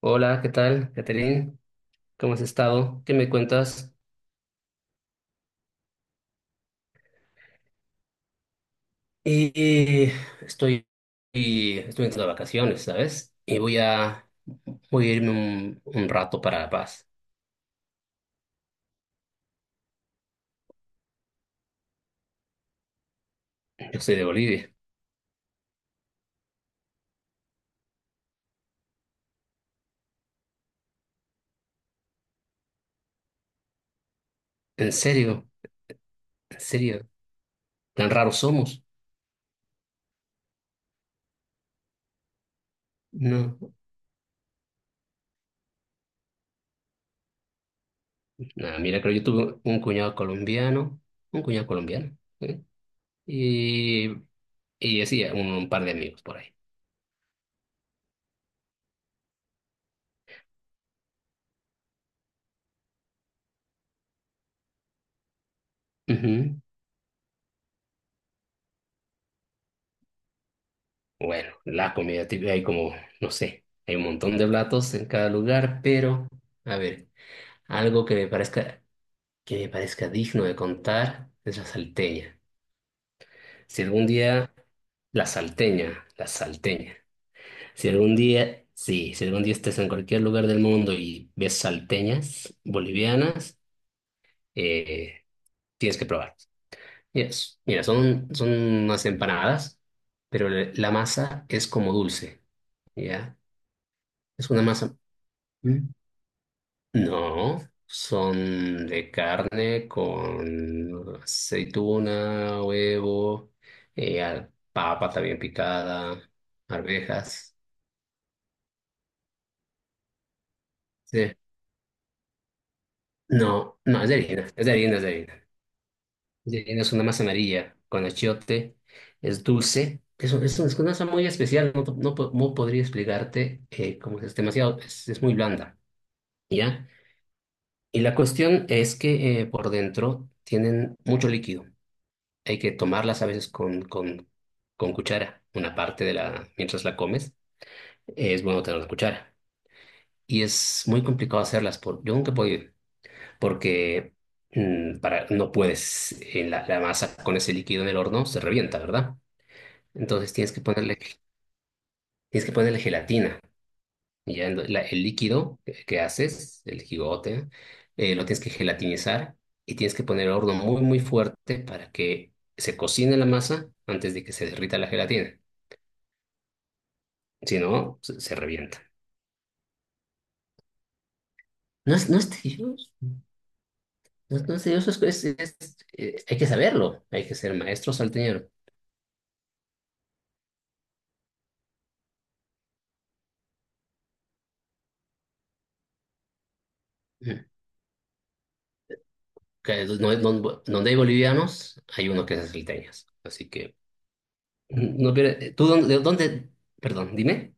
Hola, ¿qué tal, Catherine? ¿Cómo has estado? ¿Qué me cuentas? Y y estoy, y estoy entrando de vacaciones, ¿sabes? Voy a irme un rato para La Paz. Yo soy de Bolivia. ¿En serio? ¿En serio? ¿Tan raros somos? No. Nada, mira, creo yo tuve un cuñado colombiano, ¿eh? Y, y así, un par de amigos por ahí. Ujú. Bueno, la comida típica, no sé, hay un montón de platos en cada lugar, pero, a ver, algo que me parezca digno de contar es la salteña. Si algún día, la salteña. Si algún día, sí, si algún día estés en cualquier lugar del mundo y ves salteñas bolivianas, eh, tienes que probarlas. Yes. Mira, son unas empanadas, pero la masa es como dulce, ¿ya? Es una masa. ¿Mm? No, son de carne con aceituna, huevo, papa también picada, arvejas. Sí. No, no, es de harina, es de harina. Es de harina, es una masa amarilla con achiote, es dulce. Es una masa muy especial, no podría explicarte cómo es demasiado, es muy blanda, ¿ya? Y la cuestión es que por dentro tienen mucho líquido. Hay que tomarlas a veces con cuchara, una parte de la, mientras la comes, es bueno tener una cuchara. Y es muy complicado hacerlas, por, yo nunca he podido, porque no puedes, la masa con ese líquido en el horno se revienta, ¿verdad? Entonces tienes que ponerle, tienes que ponerle gelatina. El líquido que haces, el jigote, lo tienes que gelatinizar y tienes que poner el horno muy fuerte para que se cocine la masa antes de que se derrita la gelatina. Si no, se revienta. No es tedioso. No, no es tedioso, hay que saberlo. Hay que ser maestro salteñero. Mm. Que no- no- donde hay bolivianos, hay uno que es salteñas. Así que, mm, no pierde- Perdón, dime,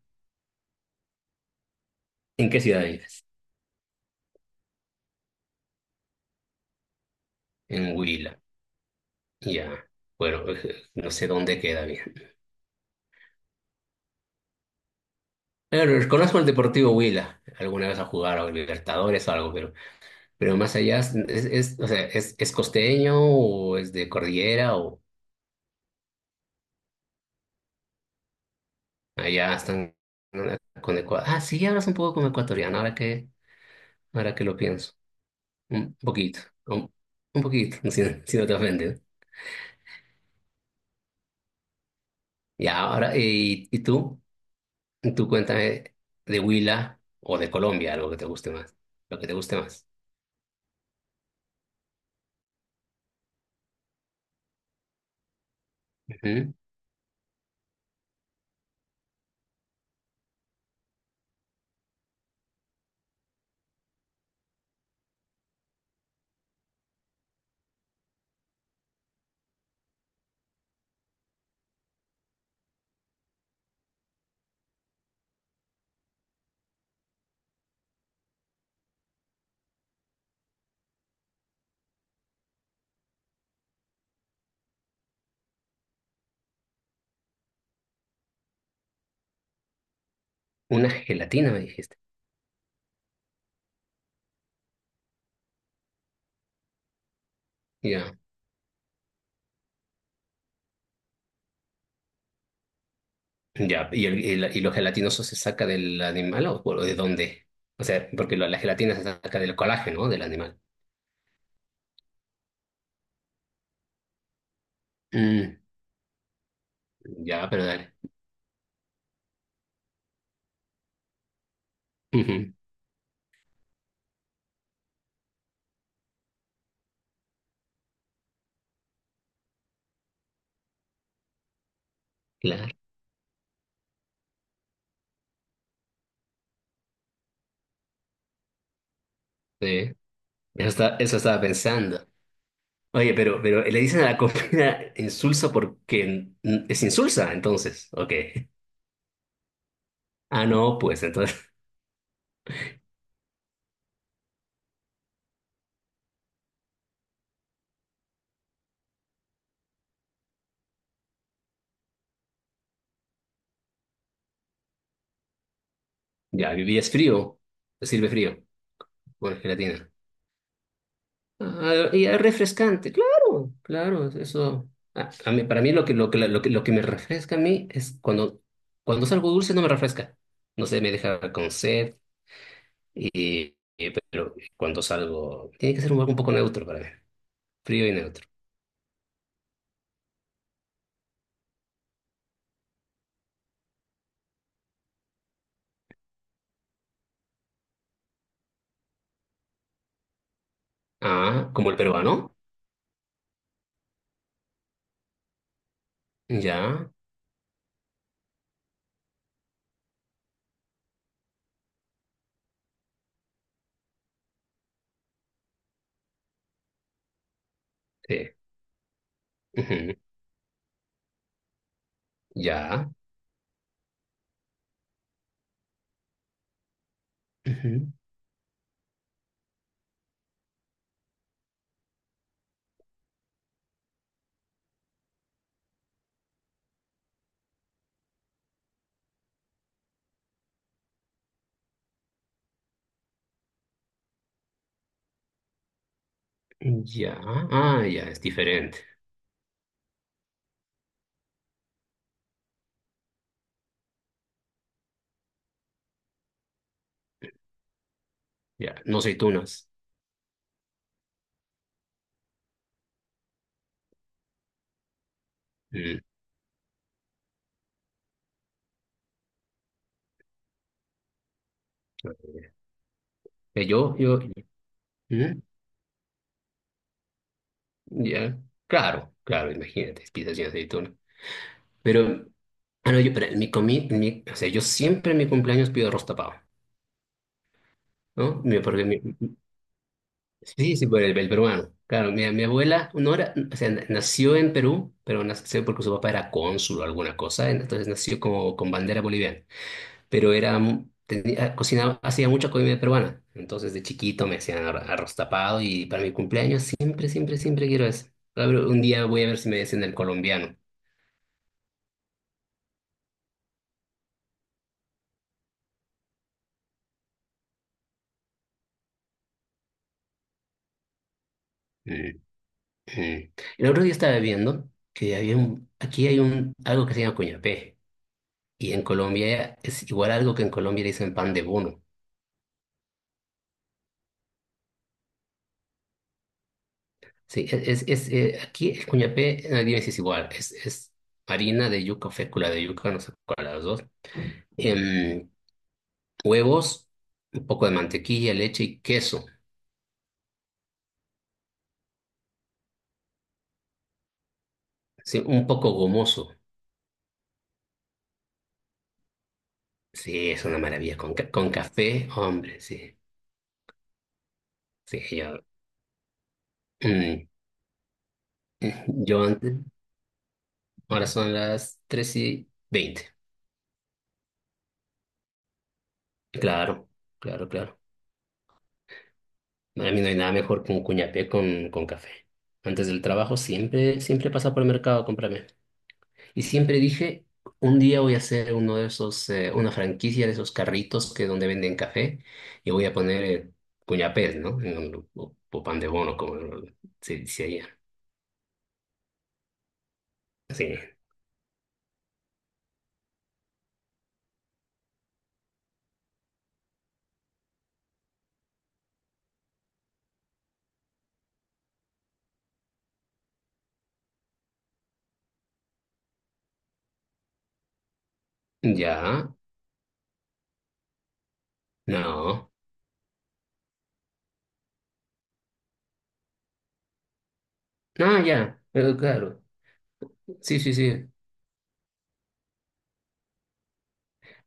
¿en qué ciudad vives? En Huila. Ya. Bueno, no sé dónde queda bien. Pero conozco el Deportivo Huila. Alguna vez a jugar a Libertadores o algo, pero más allá, o sea, es costeño o es de cordillera o...? Allá están, ¿no? Con Ecuador. Ah, sí, hablas un poco como ecuatoriano, ahora que lo pienso. Un poquito, un, un poquito, si, no si no te ofendes. Ya, ahora, y tú? Tú cuéntame de Huila o de Colombia, algo que te guste más. Lo que te guste más. Ujú. Una gelatina, me dijiste. Ya, ya. Y lo gelatinoso se saca del animal o de dónde? O sea, porque lo- la gelatina se saca del colágeno, ¿no? Del animal. Mm. Ya, pero dale. Ujú. Claro. Sí. Eso, está- eso estaba pensando. Oye, pero le dicen a la comida insulsa porque es insulsa, entonces. Ok. Ah, no, pues entonces. Ya, y es frío. Te sirve frío. Bueno, gelatina. Ah, y es refrescante. Claro, claro, eso. Para mí lo que me refresca a mí es cuando, cuando es algo dulce no me refresca. No sé, me deja con sed. Pero cuando salgo, tiene que ser un algo un poco neutro para mí. Frío y neutro. Ah, como el peruano. Ya. T. Ujú. Ya, ujú, ya. Ah, ya, es diferente. Ya, no aceitunas. Mm, yo, mm, ya. Claro, claro, imagínate, pizzas sin aceituna. Pero, ah, no, yo, pero en mi comi, en mi- o sea, yo siempre en mi cumpleaños pido arroz tapado, ¿no? Sí, sí, por el peruano. Claro, mi abuela, no era, o sea, na- nació en Perú, pero nació porque su papá era cónsul o alguna cosa, entonces nació como con bandera boliviana. Tenía, cocinaba, hacía mucha comida peruana. Entonces de chiquito me hacían arroz tapado y para mi cumpleaños siempre, siempre, siempre quiero eso. A ver, un día voy a ver si me hacen el colombiano. Mm, mm. El otro día estaba viendo que aquí hay un, algo que se llama cuñapé y en Colombia es igual algo que en Colombia le dicen pan de bono. Sí, aquí el cuñapé, nadie dice es igual, es harina de yuca, fécula de yuca, no sé cuál de las dos. Em, huevos, un poco de mantequilla, leche y queso. Sí, un poco gomoso. Sí, es una maravilla. Con café, hombre, sí. Sí, yo. Mm, yo antes. Ahora son las 3:20. Claro, claro, claro. Para mí no hay nada mejor que un cuñapé con café. Antes del trabajo siempre, siempre pasa por el mercado a comprarme. Y siempre dije, un día voy a hacer uno de esos, una franquicia de esos carritos que donde venden café y voy a poner cuñapés, ¿no? O pan de bono, como lo- se dice allá. Sí. Ya. No. No, ya. Claro. Sí, sí, sí.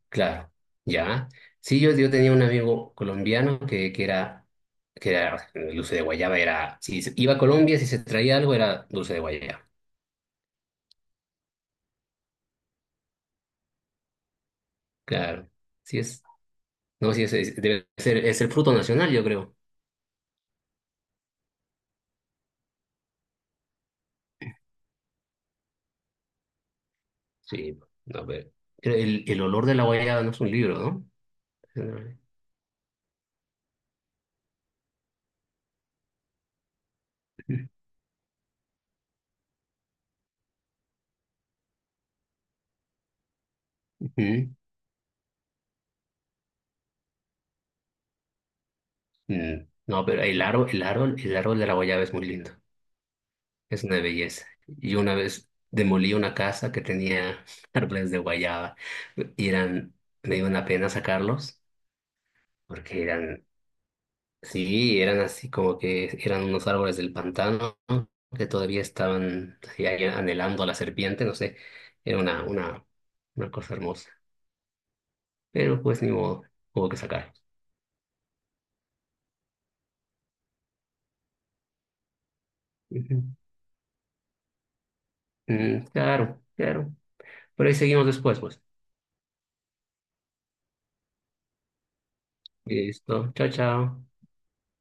Claro. Ya. Sí, yo tenía un amigo colombiano que era dulce de guayaba, era, si se- iba a Colombia, si se traía algo, era dulce de guayaba. Claro. Sí, es. No, sí, debe ser, es el fruto nacional, yo creo. Sí, a ver. El olor de la guayaba no es un libro, ¿no? Mm, mm. No, pero el árbol de la guayaba es muy lindo. Es una belleza. Y una vez demolí una casa que tenía árboles de guayaba y eran, me dio una pena sacarlos porque eran. Sí, eran así como que eran unos árboles del pantano que todavía estaban así ahí anhelando a la serpiente, no sé, era una cosa hermosa. Pero pues ni modo, hubo que sacar. Ujú. Mm, claro, claro. Por ahí seguimos después, pues. Listo, chao, chao.